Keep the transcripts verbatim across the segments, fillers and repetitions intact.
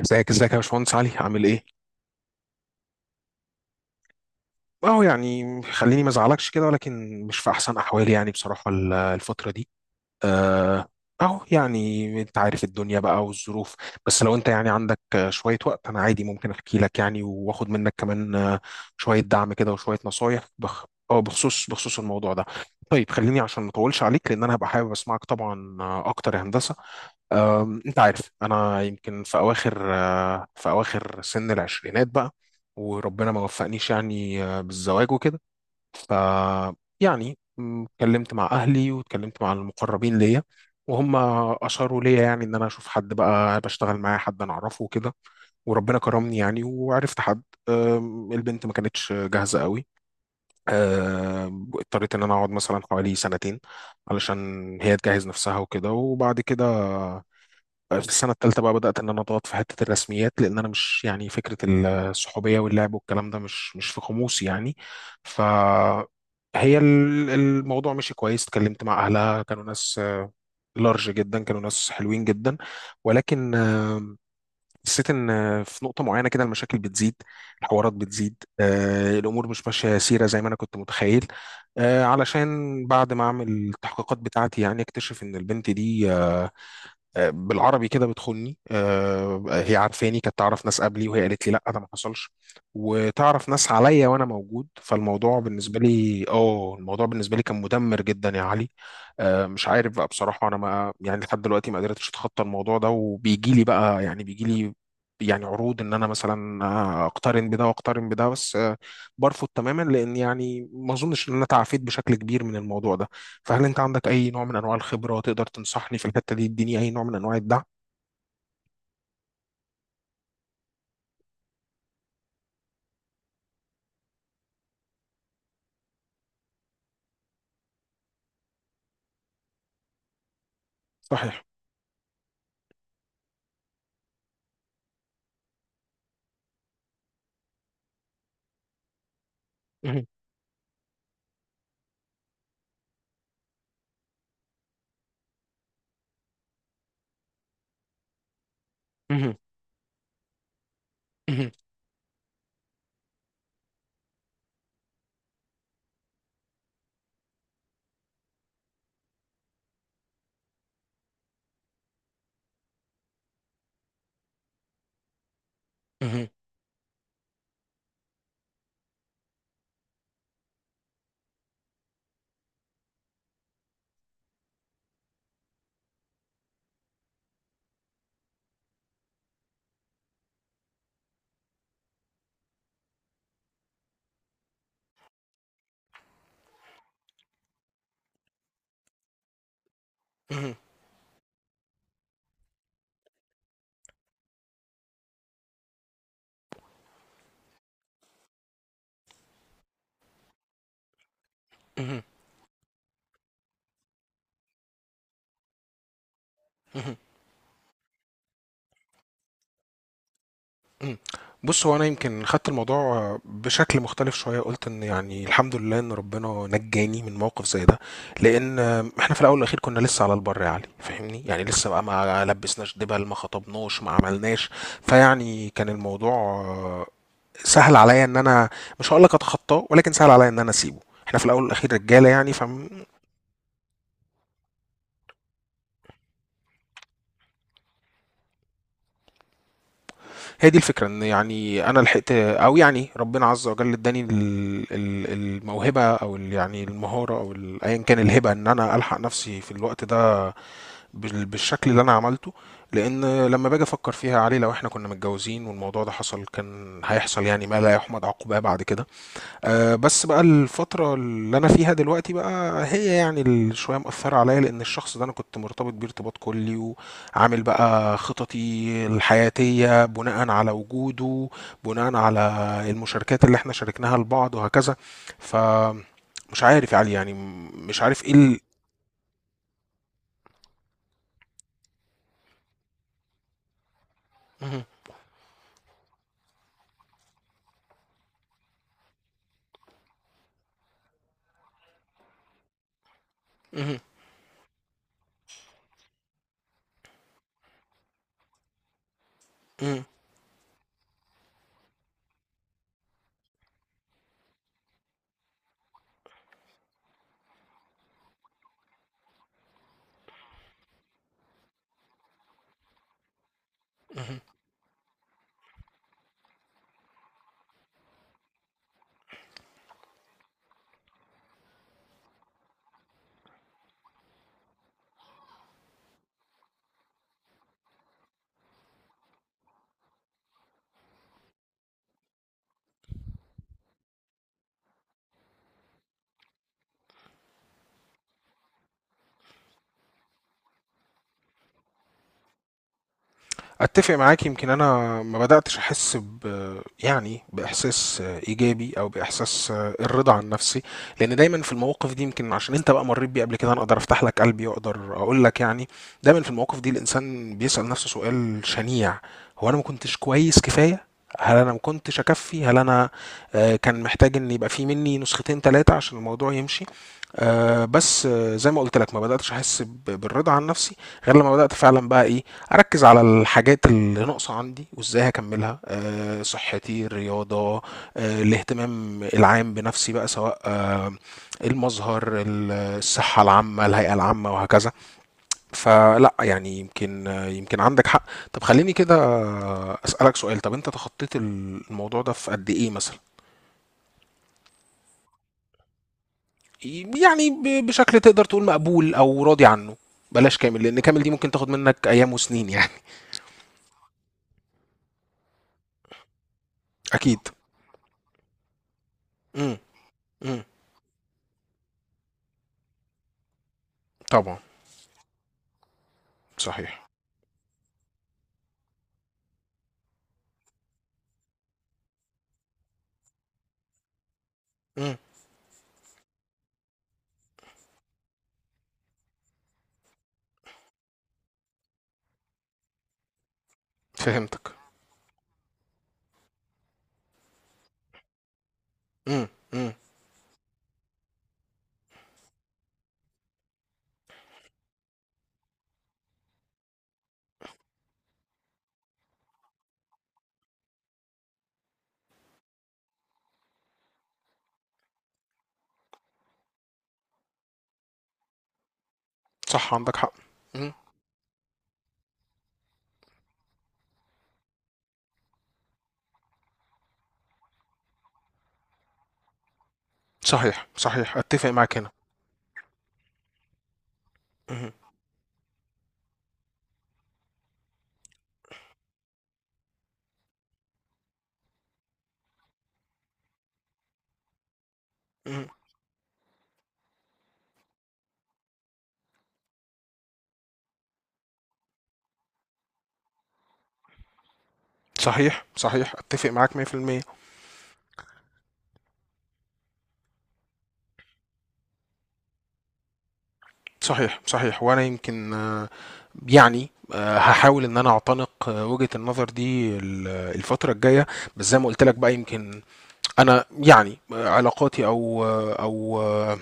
ازيك ازيك يا باشمهندس علي، عامل ايه؟ اه يعني خليني ما ازعلكش كده، ولكن مش في احسن احوالي يعني بصراحه ال- الفتره دي. آه، أهو يعني أنت عارف الدنيا بقى والظروف. بس لو أنت يعني عندك آه، شوية وقت، أنا عادي ممكن أحكي لك يعني، وآخد منك كمان آه، شوية دعم كده وشوية نصايح بخ... أه بخصوص بخصوص الموضوع ده. طيب خليني عشان ما أطولش عليك، لأن أنا هبقى حابب أسمعك طبعا آه، أكتر يا هندسة. أم، انت عارف انا يمكن في اواخر آه، في اواخر سن العشرينات بقى، وربنا ما وفقنيش يعني آه، بالزواج وكده. ف يعني م، اتكلمت مع اهلي واتكلمت مع المقربين ليا، وهم اشاروا ليا يعني ان انا اشوف حد بقى بشتغل معاه، حد انا اعرفه وكده. وربنا كرمني يعني وعرفت حد. أم، البنت ما كانتش جاهزه قوي. أم، اضطريت ان انا اقعد مثلا حوالي سنتين علشان هي تجهز نفسها وكده، وبعد كده في السنة التالتة بقى بدأت إن أنا أضغط في حتة الرسميات، لأن أنا مش يعني فكرة الصحوبية واللعب والكلام ده مش مش في قاموسي يعني. ف هي ال- الموضوع مشي كويس، اتكلمت مع أهلها كانوا ناس لارج جدا، كانوا ناس حلوين جدا. ولكن آه، حسيت إن آه، في نقطة معينة كده المشاكل بتزيد، الحوارات بتزيد، آه، الأمور مش ماشية سيرة زي ما أنا كنت متخيل. آه، علشان بعد ما أعمل التحقيقات بتاعتي يعني أكتشف إن البنت دي آه، بالعربي كده بتخوني. آه، هي عارفاني، كانت تعرف ناس قبلي وهي قالت لي لا ده ما حصلش، وتعرف ناس عليا وانا موجود. فالموضوع بالنسبه لي، اه الموضوع بالنسبه لي كان مدمر جدا يا علي. آه، مش عارف بقى بصراحه، انا ما يعني لحد دلوقتي ما قدرتش اتخطى الموضوع ده، وبيجي لي بقى يعني بيجي لي يعني عروض ان انا مثلا آه، اقترن بده واقترن بده، بس آه، برفض تماما، لان يعني ما اظنش ان انا تعافيت بشكل كبير من الموضوع ده. فهل انت عندك اي نوع من انواع الخبرة تقدر تنصحني في الحتة دي، تديني اي نوع من انواع الدعم؟ صحيح. مهم. مهم. مهم. مهم. مهم. مهم. مهم. مهم. بص هو انا يمكن خدت الموضوع بشكل مختلف شويه، قلت ان يعني الحمد لله ان ربنا نجاني من موقف زي ده، لان احنا في الاول والاخير كنا لسه على البر يا علي، فاهمني يعني لسه بقى ما لبسناش دبل، ما خطبناش، ما عملناش. فيعني كان الموضوع سهل عليا ان انا، مش هقول لك اتخطاه ولكن سهل عليا ان انا اسيبه. احنا في الاول والاخير رجاله يعني فهي. دي الفكره ان يعني انا لحقت، او يعني ربنا عز وجل اداني ال- ال- الموهبه، او ال- يعني المهاره، او ال- ايا كان الهبه، ان انا الحق نفسي في الوقت ده بال- بالشكل اللي انا عملته. لان لما باجي افكر فيها علي، لو احنا كنا متجوزين والموضوع ده حصل، كان هيحصل يعني ما لا يحمد عقباه بعد كده. أه بس بقى الفترة اللي أنا فيها دلوقتي بقى، هي يعني ال- شوية مأثرة عليا، لأن الشخص ده أنا كنت مرتبط بيه ارتباط كلي، وعامل بقى خططي الحياتية بناء على وجوده، بناء على المشاركات اللي احنا شاركناها لبعض وهكذا. فمش عارف يا علي يعني م- مش عارف ايه ال... مهم. مهم. مهم. مهم. اتفق معاك. يمكن انا ما بداتش احس ب يعني باحساس ايجابي او باحساس الرضا عن نفسي. لان دايما في المواقف دي، يمكن عشان انت بقى مريت بيه قبل كده، انا اقدر افتح لك قلبي واقدر اقول لك يعني. دايما في المواقف دي الانسان بيسال نفسه سؤال شنيع، هو انا ما كنتش كويس كفايه؟ هل انا ما كنتش اكفي؟ هل انا آه، كان محتاج ان يبقى في مني نسختين ثلاثه عشان الموضوع يمشي؟ آه، بس آه، زي ما قلت لك، ما بداتش احس ب- بالرضا عن نفسي، غير لما بدات فعلا بقى ايه. هركز على الحاجات اللي ناقصة عندي وازاي هكملها. أه صحتي، الرياضة، أه الاهتمام العام بنفسي بقى، سواء أه المظهر، ال- الصحة العامة، الهيئة العامة وهكذا. فلا يعني يمكن آه، يمكن عندك حق. طب خليني كده أسألك سؤال. طب انت تخطيت الموضوع ده في قد ايه مثلا؟ يعني ب- بشكل تقدر تقول مقبول او راضي عنه، بلاش كامل لان كامل دي ممكن تاخد منك ايام وسنين يعني. اكيد. امم. امم. طبعا. صحيح. فهمتك. امم. امم. صح عندك حق. امم. صحيح صحيح اتفق معاك هنا. امم. امم. صحيح صحيح اتفق معاك مية في المية. صحيح صحيح، وانا يمكن آه، يعني آه، هحاول ان انا اعتنق آه، وجهة النظر دي ال- الفترة الجاية. بس زي ما قلت لك بقى، يمكن انا يعني آه، علاقاتي او آه، او آه،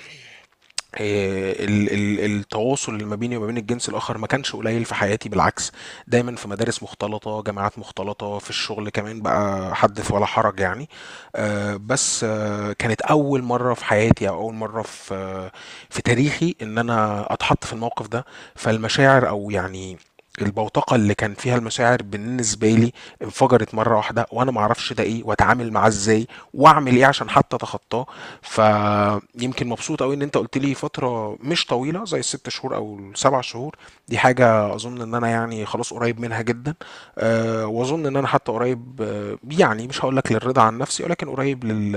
آه، ال- ال- التواصل اللي ما بيني وما بين الجنس الآخر ما كانش قليل في حياتي بالعكس. دايما في مدارس مختلطة، جامعات مختلطة، في الشغل كمان بقى حدث ولا حرج يعني. آه، بس آه، كانت أول مرة في حياتي، أو أول مرة في آه، في تاريخي إن أنا أتحط في الموقف ده. فالمشاعر، أو يعني البوتقة اللي كان فيها المشاعر بالنسبة لي انفجرت مرة واحدة، وانا معرفش ده ايه واتعامل معاه ازاي، واعمل ايه عشان حتى اتخطاه. فيمكن مبسوط قوي ان انت قلت لي فترة مش طويلة زي الست شهور او السبع شهور، دي حاجة اظن ان انا يعني خلاص قريب منها جدا. أه واظن ان انا حتى قريب آه، يعني مش هقول لك للرضا عن نفسي، ولكن قريب لل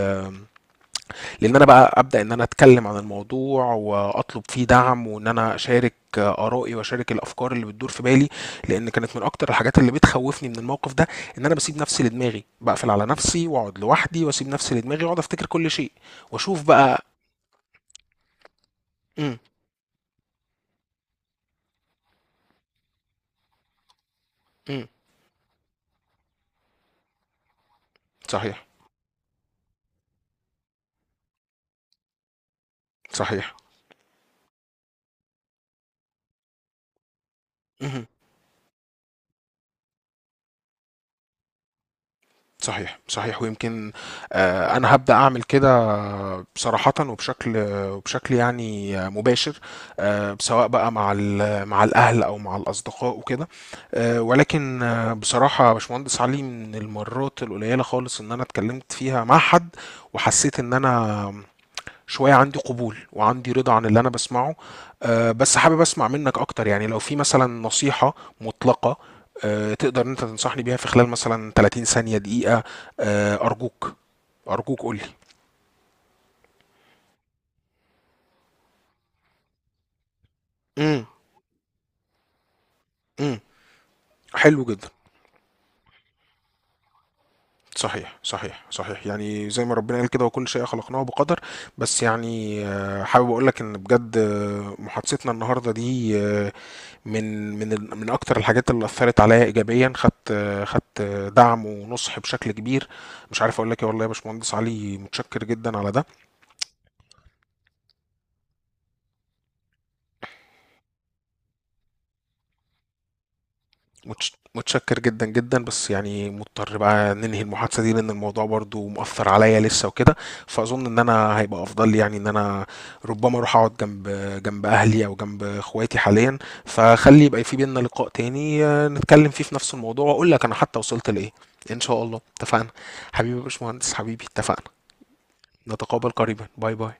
لان انا بقى ابدا ان انا اتكلم عن الموضوع واطلب فيه دعم، وان انا اشارك ارائي واشارك الافكار اللي بتدور في بالي. لان كانت من اكتر الحاجات اللي بتخوفني من الموقف ده ان انا بسيب نفسي لدماغي، بقفل على نفسي واقعد لوحدي واسيب نفسي لدماغي واقعد افتكر كل شيء واشوف بقى. امم. امم. صحيح صحيح. امم. صحيح صحيح، ويمكن آه انا هبدا اعمل كده صراحة، وبشكل، وبشكل يعني مباشر. آه، سواء بقى مع ال- مع الأهل أو مع الأصدقاء وكده. آه، ولكن آه، بصراحة يا باشمهندس علي، من المرات القليلة خالص إن أنا اتكلمت فيها مع حد وحسيت إن أنا شوية عندي قبول وعندي رضا عن اللي أنا بسمعه. آه، بس حابب أسمع منك أكتر يعني، لو في مثلا نصيحة مطلقة آه، تقدر إن أنت تنصحني بيها في خلال مثلا ثلاثين ثانية دقيقة. آه، أرجوك، أرجوك قولي. امم. حلو جدا. صحيح صحيح صحيح، يعني زي ما ربنا قال كده، وكل شيء خلقناه بقدر. بس يعني آه، حابب اقول لك ان بجد آه، محادثتنا النهارده دي آه، من من ال- من اكتر الحاجات اللي اثرت عليا ايجابيا. خدت آه، خدت آه، دعم ونصح بشكل كبير. مش عارف اقول لك ايه، والله يا باشمهندس علي متشكر جدا على ده. متش... متشكر جدا جدا، بس يعني مضطر بقى ننهي المحادثة دي لأن الموضوع برضو مؤثر عليا لسه وكده. فأظن إن أنا هيبقى أفضل لي، يعني إن أنا ربما أروح أقعد جنب، جنب أهلي أو جنب إخواتي حاليا. فخلي يبقى في بينا لقاء تاني آه، نتكلم فيه في نفس الموضوع، وأقول لك أنا حتى وصلت لإيه. إن شاء الله اتفقنا. حبيبي يا باشمهندس، حبيبي اتفقنا. نتقابل قريبا، باي باي.